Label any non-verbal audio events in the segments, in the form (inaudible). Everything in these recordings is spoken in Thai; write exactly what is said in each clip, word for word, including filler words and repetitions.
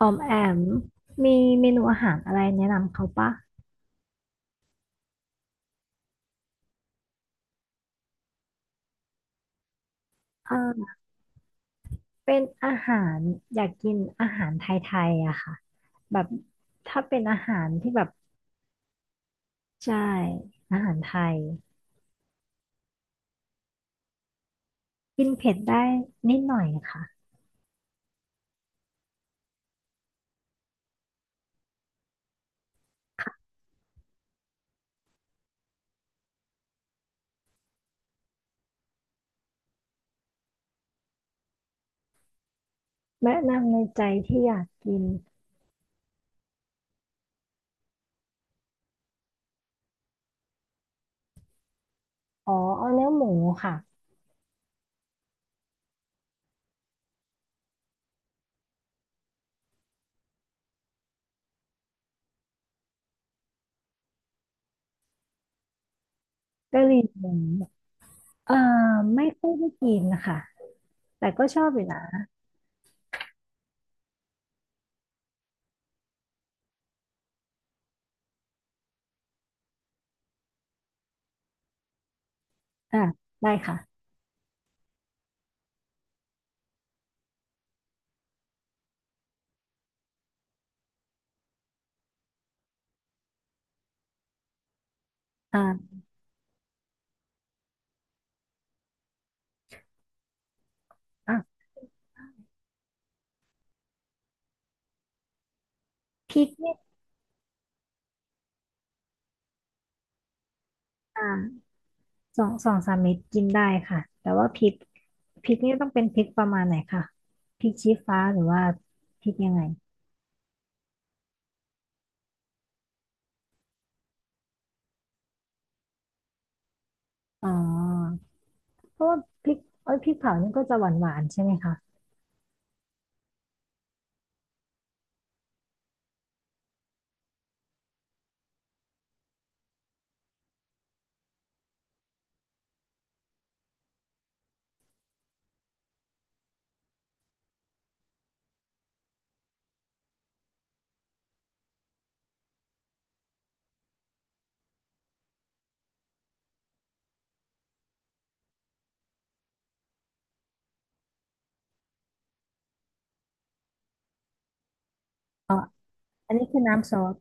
ออมแอมมีเมนูอาหารอะไรแนะนำเขาปะเออเป็นอาหารอยากกินอาหารไทยๆอะค่ะแบบถ้าเป็นอาหารที่แบบใช่อาหารไทยกินเผ็ดได้นิดหน่อยค่ะค่ะแนะนำในใจที่อยากกินอ๋อเอาเนื้อหมูค่ะกะหรี่หมูเออไม่ค่อยได้กินนะคะแต่ก็ชอบอยู่นะอ่ะได้ค่ะอ่าอ่ะพริกเนี่ยอ่า สองสองสามเม็ดกินได้ค่ะแต่ว่าพริกพริกนี่ต้องเป็นพริกประมาณไหนคะพริกชี้ฟ้าหรือว่าพริกยังไงอ๋อเพราะว่าพริกเอ้ยพริกเผานี่ก็จะหวานหวานใช่ไหมคะอ๋ออันนี้คือน้ำซอส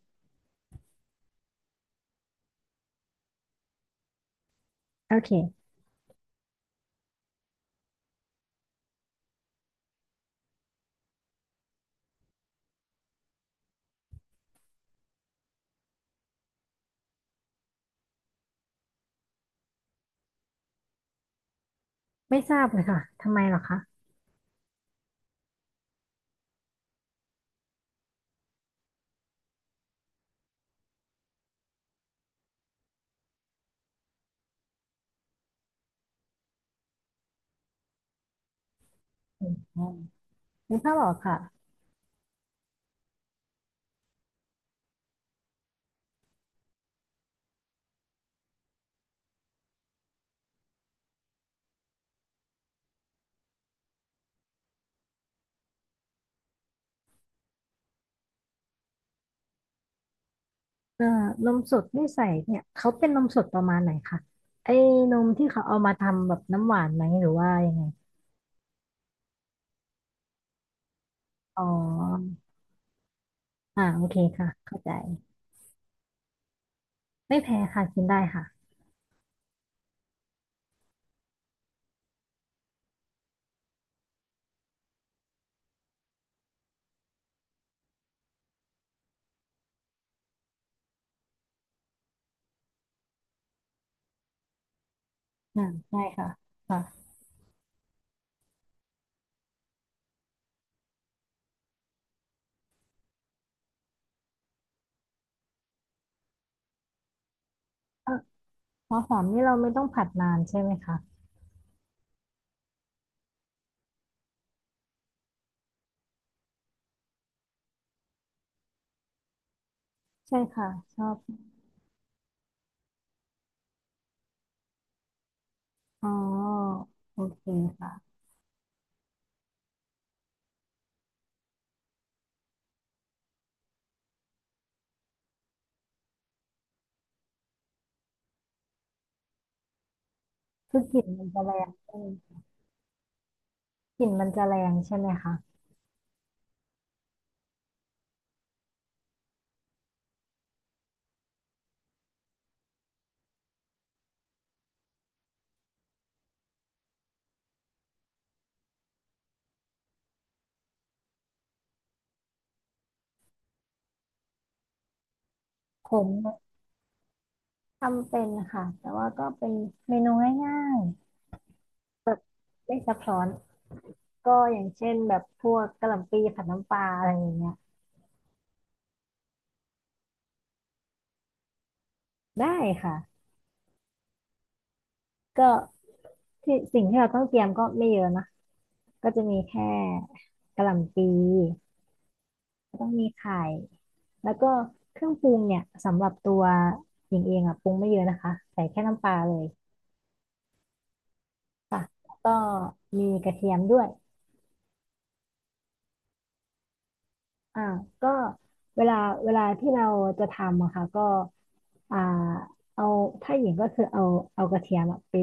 โอเคไม่ทราบเลยค่ะทำไมเหรอคะอืมนึกภาพออกค่ะเอ่อนมสดที่ใส่เนี่ยเขาเป็นนมสดประมาณไหนคะไอ้นมที่เขาเอามาทำแบบน้ำหวานไหมหรือว่ายังไงอ๋ออ่าโอเคค่ะเข้าใจไม่แพ้ค่ะกินได้ค่ะ อ่าใช่ค่ะค่ะเอ่อหัวหอมนี่เราไม่ต้องผัดนานใช่ไหมคะใช่ค่ะชอบอ๋อโอเคค่ะคือกลิ่นมันจะแรงใช่ไหมกลิ่นมันจะแรงใช่ไหมคะผมทำเป็นค่ะแต่ว่าก็เป็นเมนูง่ายๆแบบไม่ซับซ้อนก็อย่างเช่นแบบพวกกะหล่ำปีผัดน้ำปลาอะไรอย่างเงี้ยได้ค่ะก็ที่สิ่งที่เราต้องเตรียมก็ไม่เยอะนะก็จะมีแค่กะหล่ำปี ต้องมีไข่แล้วก็เครื่องปรุงเนี่ยสำหรับตัวหญิงเองอ่ะปรุงไม่เยอะนะคะใส่แค่น้ำปลาเลยค่ะแล้วก็มีกระเทียมด้วยอ่าก็เวลาเวลาที่เราจะทำอะค่ะก็อ่าเอาถ้าหญิงก็คือเอาเอากระเทียมอะไป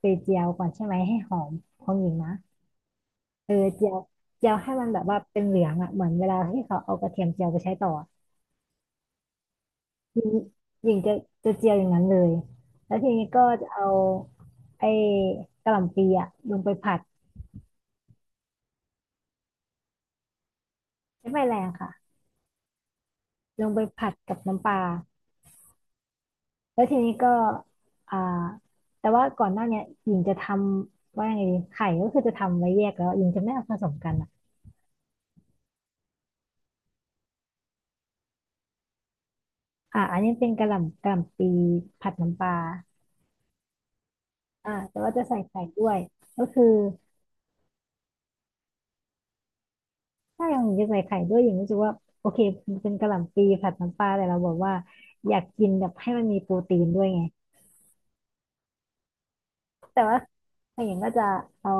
ไปเจียวก่อนใช่ไหมให้หอมของหญิงนะเออเจียวเจียวให้มันแบบว่าเป็นเหลืองอ่ะเหมือนเวลาที่เขาเอากระเทียมเจียวไปใช้ต่อ หญิงหญิงจะจะเจียวอย่างนั้นเลยแล้วทีนี้ก็จะเอาไอ้กะหล่ำปีอะลงไปผัดใช้ไฟแรงค่ะลงไปผัดกับน้ำปลาแล้วทีนี้ก็อ่าแต่ว่าก่อนหน้าเนี้ยหญิงจะทำว่ายังไงดีไข่ก็คือจะทำไว้แยกแล้วหญิงจะไม่เอาผสมกันอะอ่ะอันนี้เป็นกะหล่ำกะหล่ำปีผัดน้ำปลาอ่าแต่ว่าจะใส่ไข่ด้วยก็คือ ถ้าอย่างจะใส่ไข่ด้วยอย่างรู้สึกว่าโอเคเป็นกะหล่ำปีผัดน้ำปลาแต่เราบอกว่าอยากกินแบบให้มันมีโปรตีนด้วยไงแต่ว่าถ้าอย่างก็จะเอา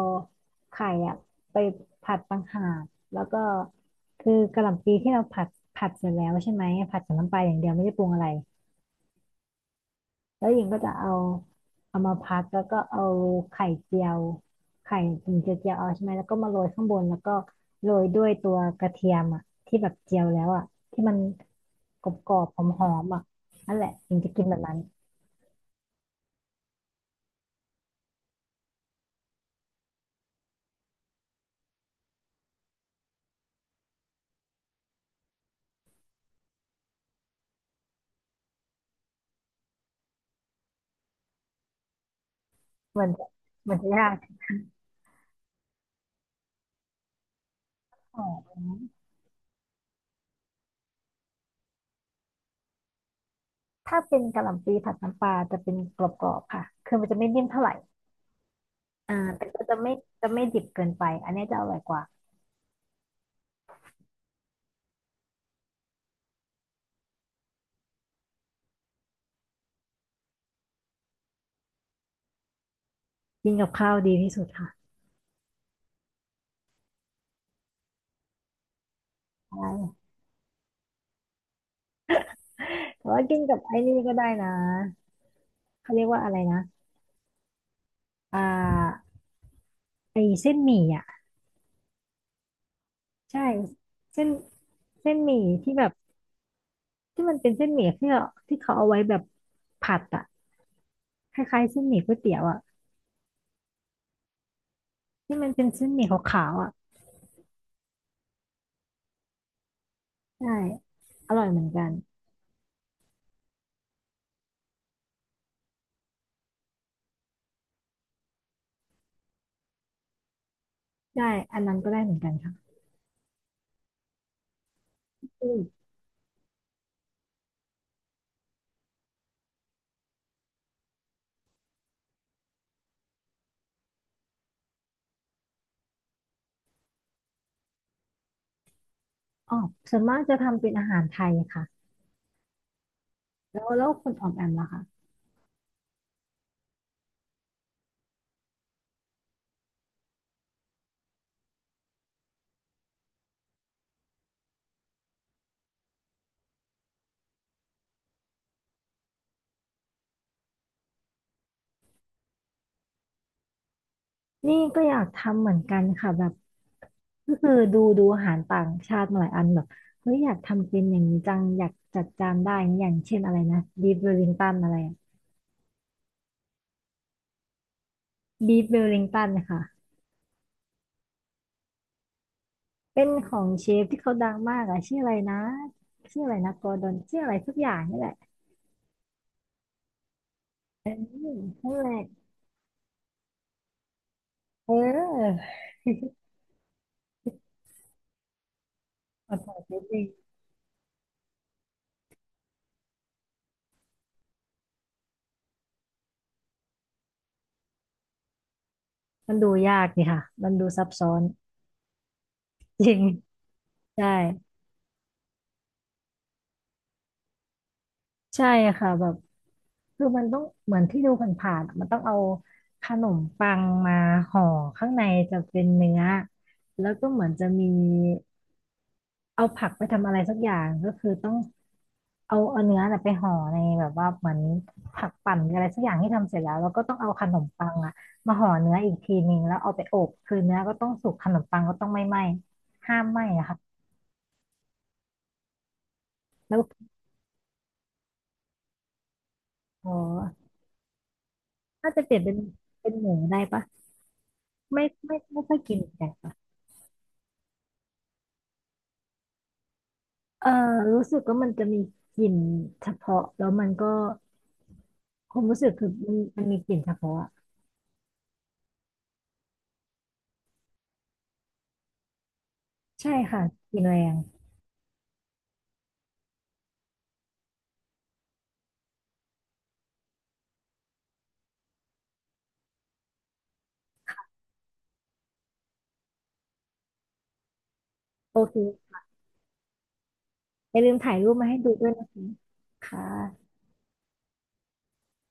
ไข่อะไปผัดต่างหากแล้วก็คือกะหล่ำปีที่เราผัดผัดเสร็จแล้วใช่ไหมผัดกับน้ำปลาอย่างเดียวไม่ได้ปรุงอะไร แล้วหญิงก็จะเอาเอามาพักแล้วก็เอาไข่เจียวไข่ถึงจะเจียวเอาใช่ไหมแล้วก็มาโรยข้างบนแล้วก็โรยด้วยตัวกระเทียมอ่ะที่แบบเจียวแล้วอ่ะที่มันกรอบๆหอมๆอ่ะนั่นแหละหญิงจะกินแบบนั้นเหมือนเหมือนจะยากหอมถ้าเป็นกะหล่ำปลีผัดน้ำปลาจะเป็นกรอบๆค่ะคือมันจะไม่นิ่มเท่าไหร่อ่าแต่ก็จะไม่จะไม่ดิบเกินไปอันเนี้ยจะอร่อยกว่ากินกับข้าวดีที่สุดค่ะใช่แต่ว่ากินกับไอ้นี่ก็ได้นะเขาเรียกว่าอะไรนะ อ่าไอเส้นหมี่อ่ะใช่เส้นเส้นหมี่ที่แบบที่มันเป็นเส้นหมี่ที่เราที่เขาเอาไว้แบบผัดอ่ะคล้ายๆเส้นหมี่ก๋วยเตี๋ยวอ่ะที่มันเป็นเส้นหมี่ขาวๆอ่ะใช่อร่อยเหมือนกันได้อันนั้นก็ได้เหมือนกันค่ะอืออ๋อส่วนมากจะทำเป็นอาหารไทยค่ะแล้วแล้วคุณออมแอมล่ะคะ นี่ก็อยากทำเหมือนกันค่ะแบบก็คือดูดูอาหารต่างชาติมาหลายอันแบบเฮ้ยอยากทำเป็นอย่างนี้จังอยากจัดจานได้นะอย่างเช่นอะไรนะบีฟเวลลิงตันอะไรบีฟเวลลิงตันน่ะเป็นของเชฟที่เขาดังมากอะชื่ออะไรนะชื่ออะไรนะกอร์ดอนชื่ออะไรสักอย่างนี่แหละเออนั่นแหละเออ (laughs) ขอโทษนิงมันดูยากนี่ค่ะมันดูซับซ้อนจริงใช่ ใช่ค่ะแบบคือมันต้องเหมือนที่ดูผ่านๆอะมันต้องเอาขนมปังมาห่อข้างในจะเป็นเนื้อแล้วก็เหมือนจะมีเอาผักไปทำอะไรสักอย่างก็คือต้องเอาเอาเนื้อน่ะไปห่อในแบบว่าเหมือนผักปั่นหอะไรสักอย่างที่ทำเสร็จแล้วแล้วก็ต้องเอาขนมปังอะมาห่อเนื้ออีกทีนึงแล้วเอาไปอบคือเนื้อก็ต้องสุกขนมปังก็ต้องไม่ไหม้ห้ามไหม้อะค่ะแล้วพอถ้าจะเปลี่ยนเป็นเป็นหมูได้ปะไม่ไม่ไม่ค่อยกินแต่ เอ่อรู้สึกว่ามันจะมีกลิ่นเฉพาะแล้วมันก็ความรู้สึกคือมันมันมีกลิ่นเฉพาะอะใช่ค่ะกลิ่นแรงโอเคอย่าลืมถ่ายรูปมาให้ดูด้วยนะคะค่ะ